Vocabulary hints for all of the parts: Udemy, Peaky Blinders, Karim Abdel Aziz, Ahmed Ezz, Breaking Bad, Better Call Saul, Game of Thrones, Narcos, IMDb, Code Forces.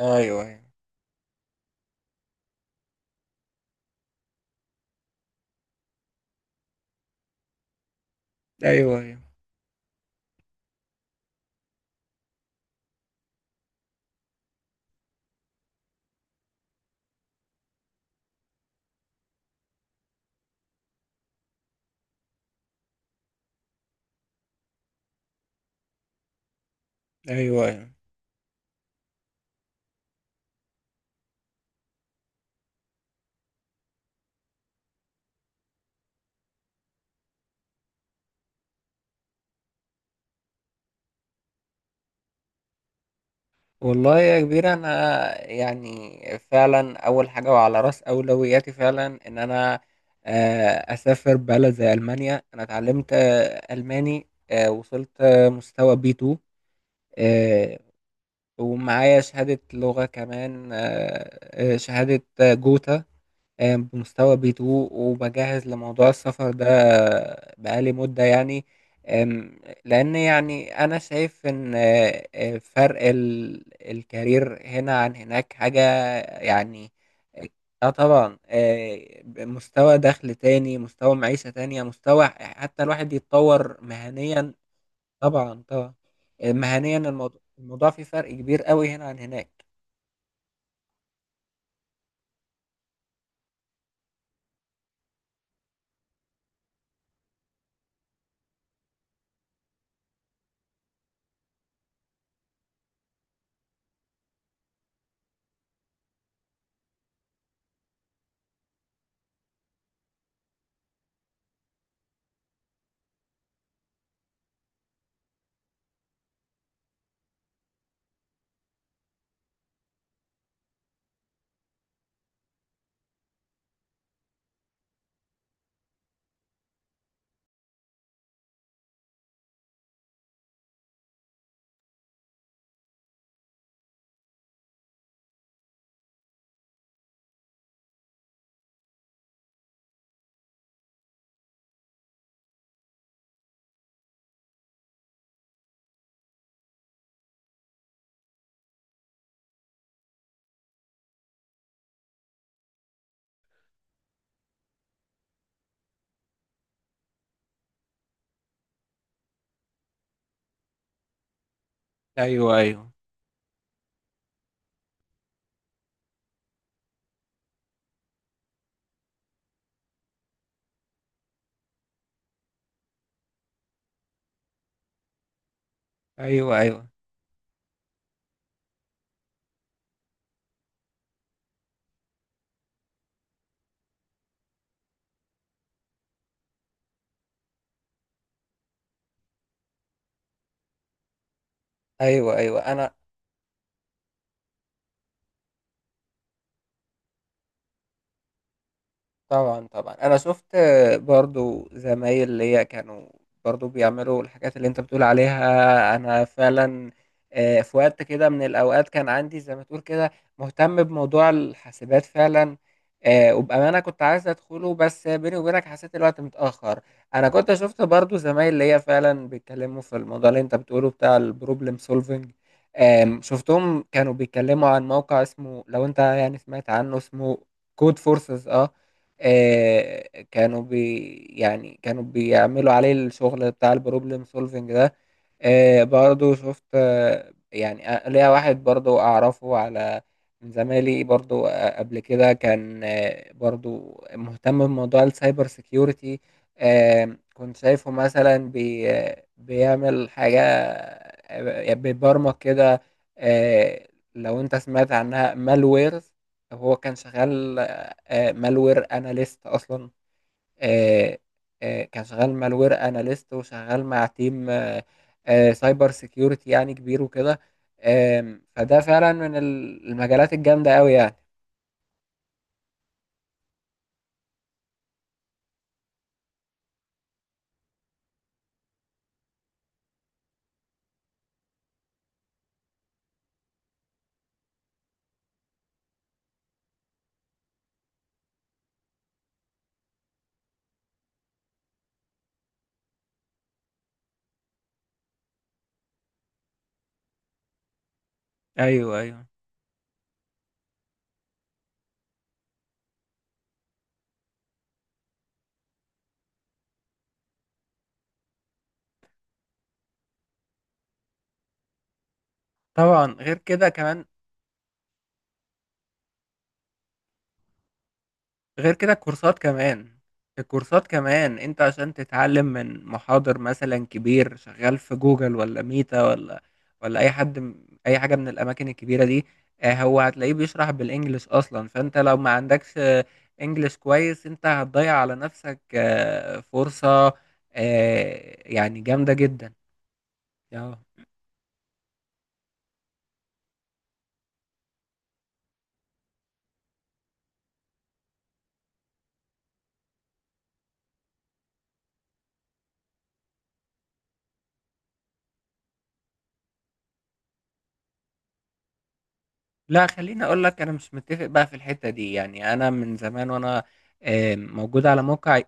ايوه، ايوه، ايوه، ايوه، ايوه، ايوه. والله يا كبير، انا يعني فعلا اول حاجه وعلى راس اولوياتي فعلا ان انا اسافر بلد زي المانيا. انا اتعلمت الماني، وصلت مستوى بي 2، ومعايا شهاده لغه كمان، شهاده جوتا، بمستوى B2. وبجهز لموضوع السفر ده بقالي مدة يعني. آم، لأن يعني أنا شايف إن فرق الكارير هنا عن هناك حاجة يعني. اه طبعا، مستوى دخل تاني، مستوى معيشة تانية، مستوى حتى الواحد يتطور مهنيا. طبعا، طبعا. مهنيا، الموضوع فيه فرق كبير قوي هنا عن هناك. ايوه، ايوه، ايوه، ايوه، ايوه، ايوه، انا طبعًا، طبعًا. أنا شُفت برضه زمايل ليّا كانوا برضه بيعملوا الحاجات اللي أنت بتقول عليها، أنا فعلًا. في وقت كده من الأوقات كان عندي زي ما تقول كده مهتم بموضوع الحاسبات فعلًا. وبأمانة كنت عايز أدخله، بس بيني وبينك حسّيت الوقت متأخّر. أنا كنت شُفت برضه زمايل ليّا فعلًا بيتكلّموا في الموضوع اللي أنت بتقوله بتاع الproblem solving. شُفتهم كانوا بيتكلّموا عن موقع اسمه، لو أنت يعني سمعت عنه، اسمه Code Forces. آه. آه، كانوا بي يعني كانوا بيعملوا عليه الشغل بتاع البروبلم سولفنج ده. برضو شفت، يعني ليا واحد برضو أعرفه، على من زمايلي برضو، قبل كده كان برضو مهتم بموضوع السايبر سيكيورتي. كنت شايفه مثلا بي آه، بيعمل حاجة، بيبرمج كده. آه لو أنت سمعت عنها مالويرز، هو كان شغال مالوير أناليست أصلا. آه، كان شغال مالوير اناليست وشغال مع تيم سايبر سيكيورتي يعني كبير وكده. فده فعلا من المجالات الجامدة قوي يعني. ايوه، ايوه. طبعا غير كده كمان، غير كده الكورسات كمان. الكورسات كمان انت عشان تتعلم من محاضر مثلا كبير شغال في جوجل ولا ميتا ولا اي حد، اي حاجه من الاماكن الكبيره دي، هو هتلاقيه بيشرح بالانجلش اصلا. فانت لو ما عندكش انجلش كويس، انت هتضيع على نفسك فرصه يعني جامده جدا. اه، لا خليني اقول لك، انا مش متفق بقى في الحته دي. يعني انا من زمان وانا موجود على موقع،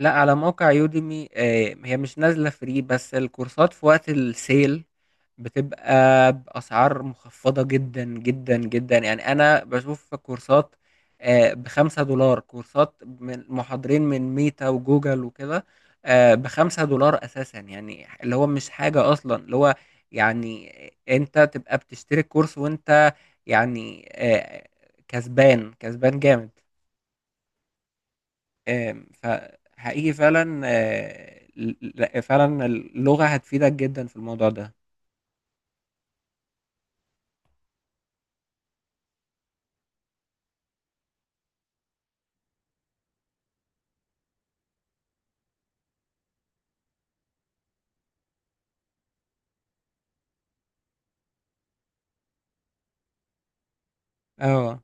لا، على موقع يوديمي. هي مش نازلة فري، بس الكورسات في وقت السيل بتبقى بأسعار مخفضة جدا جدا جدا. يعني أنا بشوف كورسات بخمسة دولار، كورسات من محاضرين من ميتا وجوجل وكده بخمسة دولار أساسا. يعني اللي هو مش حاجة أصلا. اللي هو يعني أنت تبقى بتشتري كورس وأنت يعني كسبان كسبان جامد. فحقيقي فعلًا، لأ فعلًا اللغة هتفيدك جدًا في الموضوع ده. آه،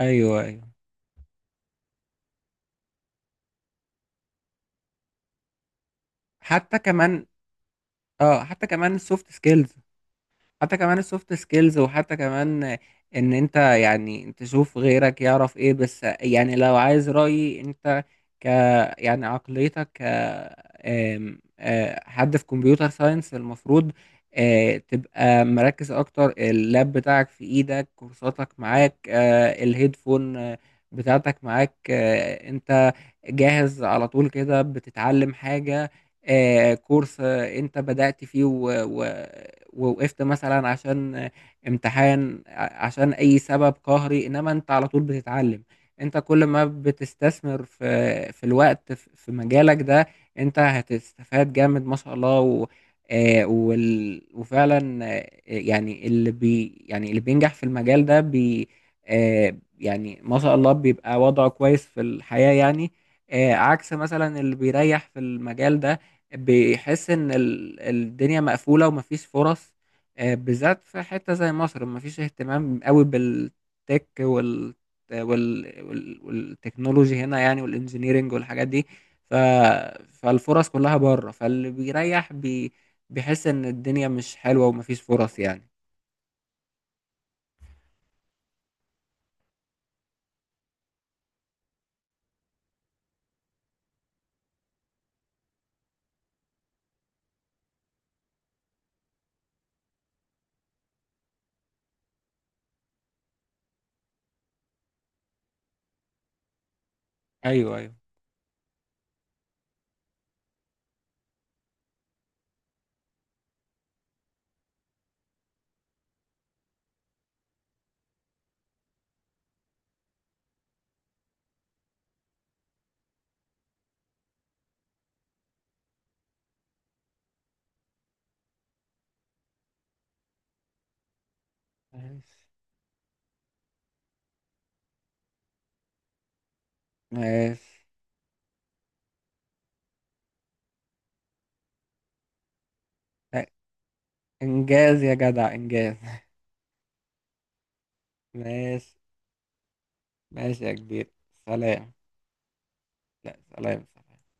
أيوه، أيوه. حتى كمان، حتى كمان الsoft skills. حتى كمان السوفت سكيلز، وحتى كمان ان انت يعني تشوف غيرك يعرف ايه. بس يعني لو عايز رأيي، انت ك يعني عقليتك آم، آه، حد في كمبيوتر ساينس المفروض تبقى مركز اكتر. اللاب بتاعك في ايدك، كورساتك معاك، الهيدفون بتاعتك معاك. انت جاهز على طول كده بتتعلم حاجة، كورس انت بدأت فيه ووقفت مثلا عشان امتحان، عشان اي سبب قهري. انما انت على طول بتتعلم. انت كل ما بتستثمر في الوقت في مجالك ده، انت هتستفاد جامد ما شاء الله. وفعلا يعني اللي بي يعني اللي بينجح في المجال ده بي آه، يعني ما شاء الله بيبقى وضعه كويس في الحياة يعني. عكس مثلا اللي بيريح في المجال ده بيحس ان الدنيا مقفولة ومفيش فرص. بالذات في حتة زي مصر مفيش اهتمام قوي بالتك وال والتكنولوجي هنا يعني، والانجينيرينج والحاجات دي. ف... فالفرص كلها بره. فاللي بيريح بيحس ان الدنيا مش حلوة ومفيش فرص يعني. ايوه، ايوه. ماشي، ماشي. انجاز يا جدع، انجاز. ماشي، ماشي يا كبير. سلام. لا، سلام، سلام.